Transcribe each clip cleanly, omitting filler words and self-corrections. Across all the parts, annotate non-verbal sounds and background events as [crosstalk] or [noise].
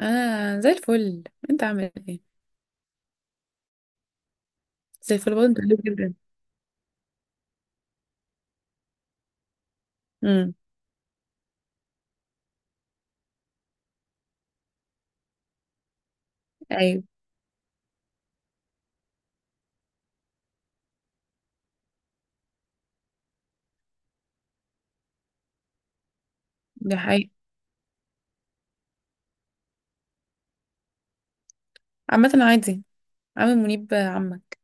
انا زي الفل. انت عامل ايه؟ زي الفل برضه، انت حلو جدا. امم، ايوه. دي حقيقة. عامة عادي. عامل منيب عمك.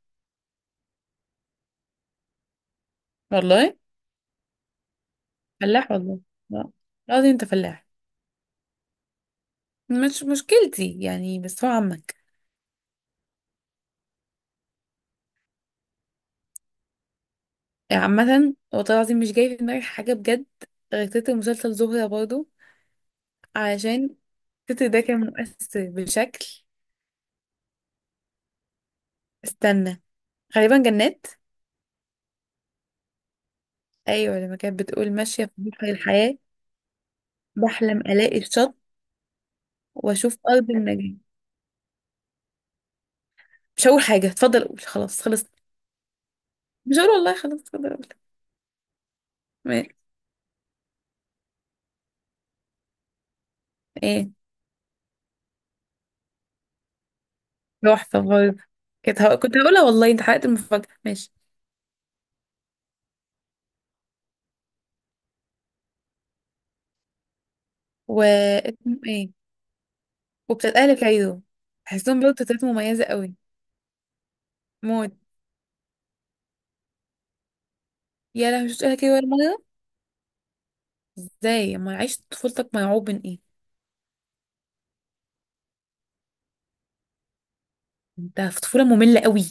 والله. فلاح والله. لا، لازم انت فلاح. مش مشكلتي يعني، بس هو عمك. يعني عامة والله العظيم مش جاي في دماغي حاجة بجد، غير تتر مسلسل زهرة برضه، علشان التتر ده كان مؤثر بشكل. استنى، غالبا جنات. ايوه، لما كانت بتقول ماشية في بحر الحياة، بحلم الاقي الشط واشوف ارض النجاة. مش هقول حاجة، اتفضل قول، خلاص خلصت. مش هقول والله، خلاص اتفضل قول. ما- ايه. تحفة برضه. كنت هقولها والله، انت حرقت المفاجأة. ماشي. و اسمه ايه. وبتاعت أهل كايرو، بحسهم برضه تلاتة مميزة قوي. موت. يا لهوي، مش أهل كايرو ولا مرة. ازاي اما عشت طفولتك مرعوب من ايه. انت في طفولة مملة قوي.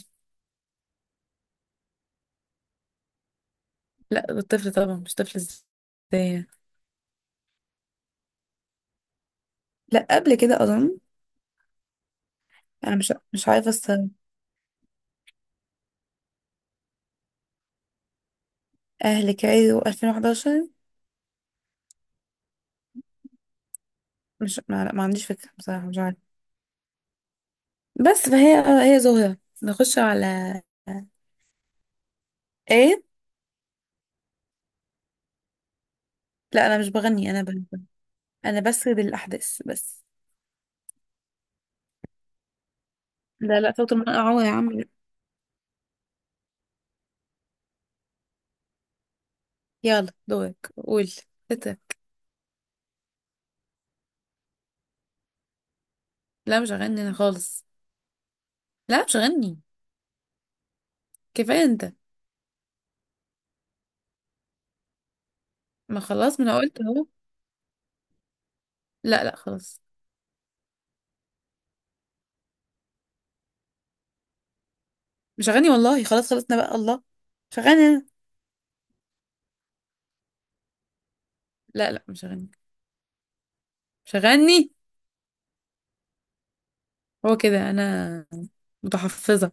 لا الطفل طبعا مش طفل، ازاي. لا قبل كده اظن. انا مش عارفه الصراحه. اهل كايرو 2011. مش ما, لا، ما عنديش فكره بصراحه، مش عارفه. بس فهي، هي زهرة. نخش على، ايه. لا انا مش بغني، انا انا بسرد الاحداث بس. لا، لا صوت المرأة عورة يا عم. يلا دورك قول. ستة. لا مش هغني انا خالص. لا مش هغني، كفاية انت. ما خلاص، ما انا قلت اهو. لا لا خلاص. مش هغني والله، خلاص خلصنا بقى الله. مش هغني انا. لا لا مش هغني. مش هغني. هو كده انا، متحفظة.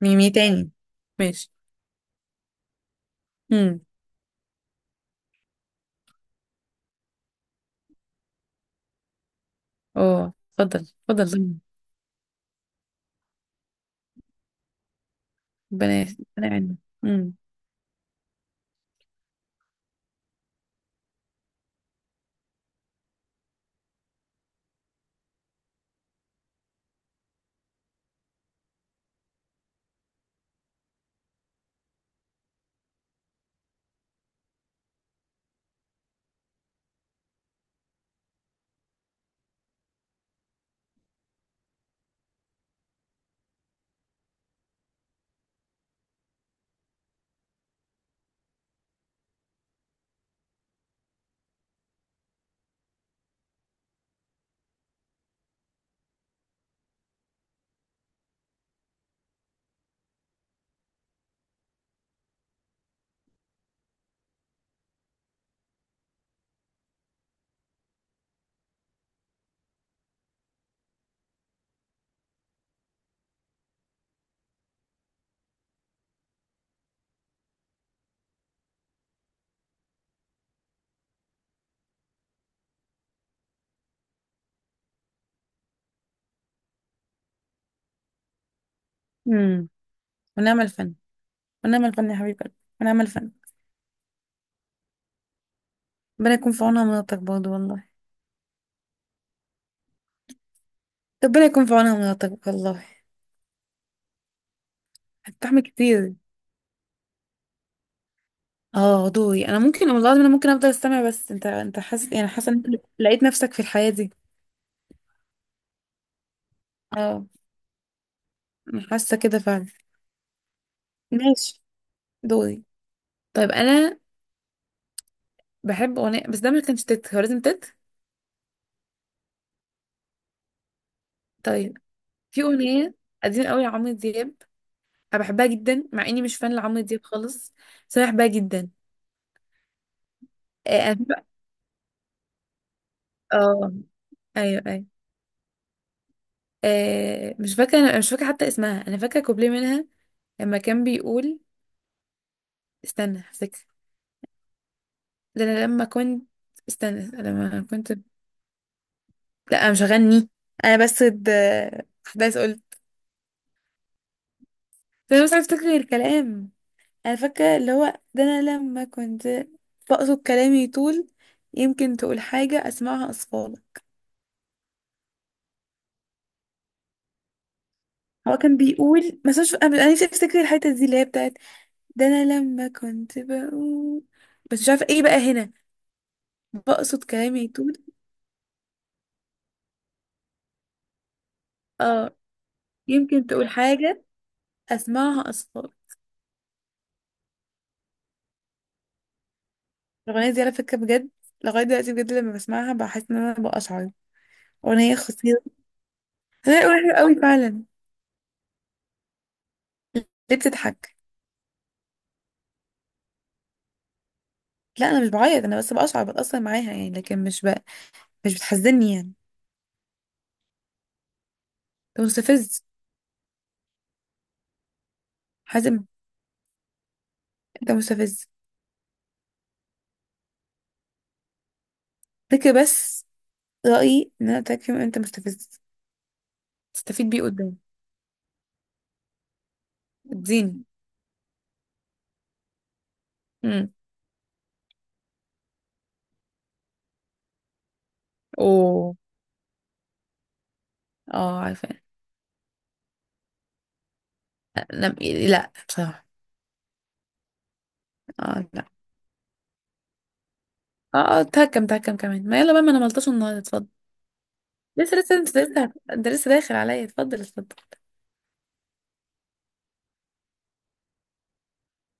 ميمي تاني. ماشي. امم. اه اتفضل اتفضل. ربنا يعيننا. امم امم ونعم الفن. ونعم الفن يا حبيب قلبي. ونعم الفن. ربنا يكون في عونها مناطق برضه والله. ربنا يكون في عونها مناطق والله. هتتحمل كتير. اه دوري، انا ممكن، والله العظيم انا ممكن افضل استمع، بس انت حاسس، يعني حاسه إن أنت لقيت نفسك في الحياه دي. اه، أنا حاسه كده فعلا. ماشي دوري. طيب انا بحب اغنيه، بس ده ما كانش تت، هو لازم تت. طيب في اغنيه قديمه قوي لعمرو دياب، انا بحبها جدا مع اني مش فان لعمرو دياب خالص، بس انا بحبها جدا. آه، اه ايوه ايوه. آه، مش فاكره، انا مش فاكره حتى اسمها، انا فاكره كوبليه منها. لما كان بيقول، استنى هفتكر. ده انا لما كنت، استنى لما كنت. لا انا مش هغني. انا بس حدث قلت. ده انا مش عارفه افتكر الكلام. انا فاكره اللي هو ده انا لما كنت. بقصد كلامي طول. يمكن تقول حاجه اسمعها اصفالك. هو كان بيقول، بس مش انا، أنا نفسي افتكر الحته دي اللي هي بتاعت. ده انا لما كنت بقول، بس مش عارفه ايه بقى هنا. بقصد كلامي يطول. اه يمكن تقول حاجة، أسمعها أصفار. الأغنية دي على فكرة بجد، لغاية دلوقتي بجد لما بسمعها بحس إن أنا بقشعر. أغنية خطيرة. لا، أغنية حلوة أوي فعلا. ليه بتضحك؟ لا أنا مش بعيط، أنا بس بقشعر بتأثر معاها يعني، لكن مش بقى مش بتحزني يعني. أنت مستفز، حازم، أنت مستفز. فكر بس، رأيي إن أنا أتاك فيهم، أنت مستفز، تستفيد بيه قدام. اديني. امم. اوه. اه عارفة. لا، لا بصراحة. اه اه اه، اتهكم اتهكم كمان. ما يلا بقى، ما انا ملطش النهارده اتفضل. لسه لسه انت لسه، انت لسه داخل عليا اتفضل اتفضل.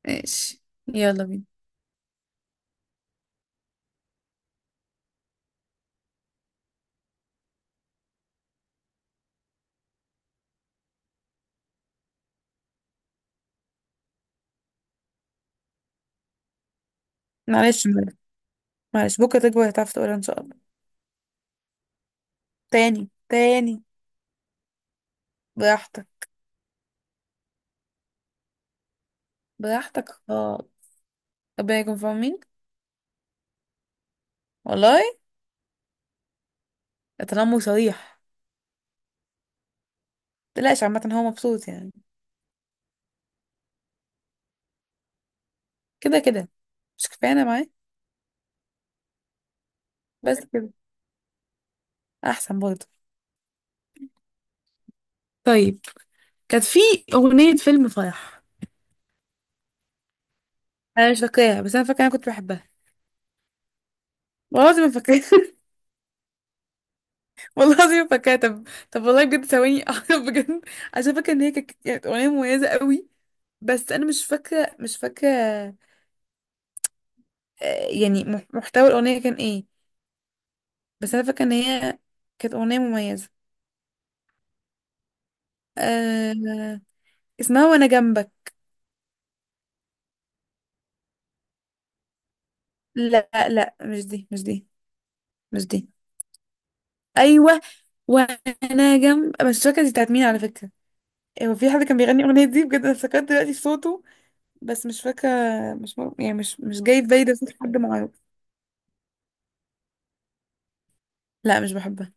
ماشي يلا بينا. معلش معلش، معلش بكره تكبر هتعرف تقولها ان شاء الله. تاني تاني. براحتك. براحتك خالص. ربنا يكون في عونك والله. تنمر صريح. متقلقش عامة هو مبسوط يعني، كده كده. مش كفاية انا معاه. بس كده. احسن برضه. طيب كانت في اغنية فيلم فرح. انا مش فاكراها، بس انا فاكره انا كنت بحبها. والله العظيم ما فاكراها. [laughs] [laughs] والله العظيم فاكراها، طب طب والله بجد ثواني، [laughs] أعرف بجد. عشان فاكره ان هي كانت اغنيه مميزه قوي. بس انا مش فاكره مش فاكره. آه، يعني محتوى الاغنيه كان ايه. بس انا فاكره ان هي كانت اغنيه مميزه. أه... اسمها وانا جنبك. لا لا، مش دي مش دي مش دي. ايوه. وانا جنب، مش فاكره دي بتاعت مين على فكره. هو في حد كان بيغني الاغنيه دي بجد، انا افتكرت دلوقتي في صوته، بس مش فاكره. مش يعني مش جاي في بالي، ده صوت حد معروف. لا مش بحبها.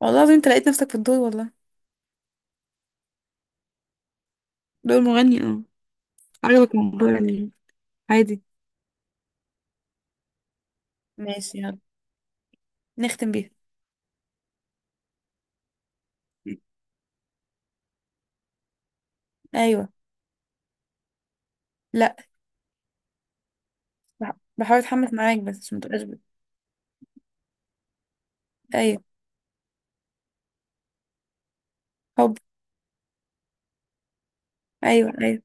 والله العظيم انت لقيت نفسك في الدور والله. دور مغني اه. عجبك الموضوع يعني. عادي. ماشي يلا نختم بيها. ايوه. لا بحاول اتحمس معاك، بس عشان متبقاش ب- ايوه حب ايوه ايوه.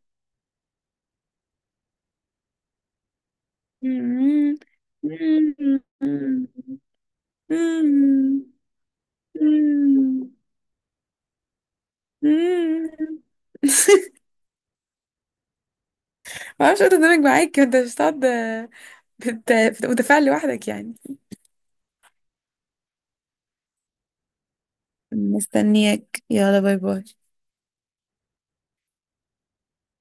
[laughs] ما اعرفش اقدر معاك، انت مش هتقعد، متفاعل لوحدك يعني. مستنياك يلا باي باي.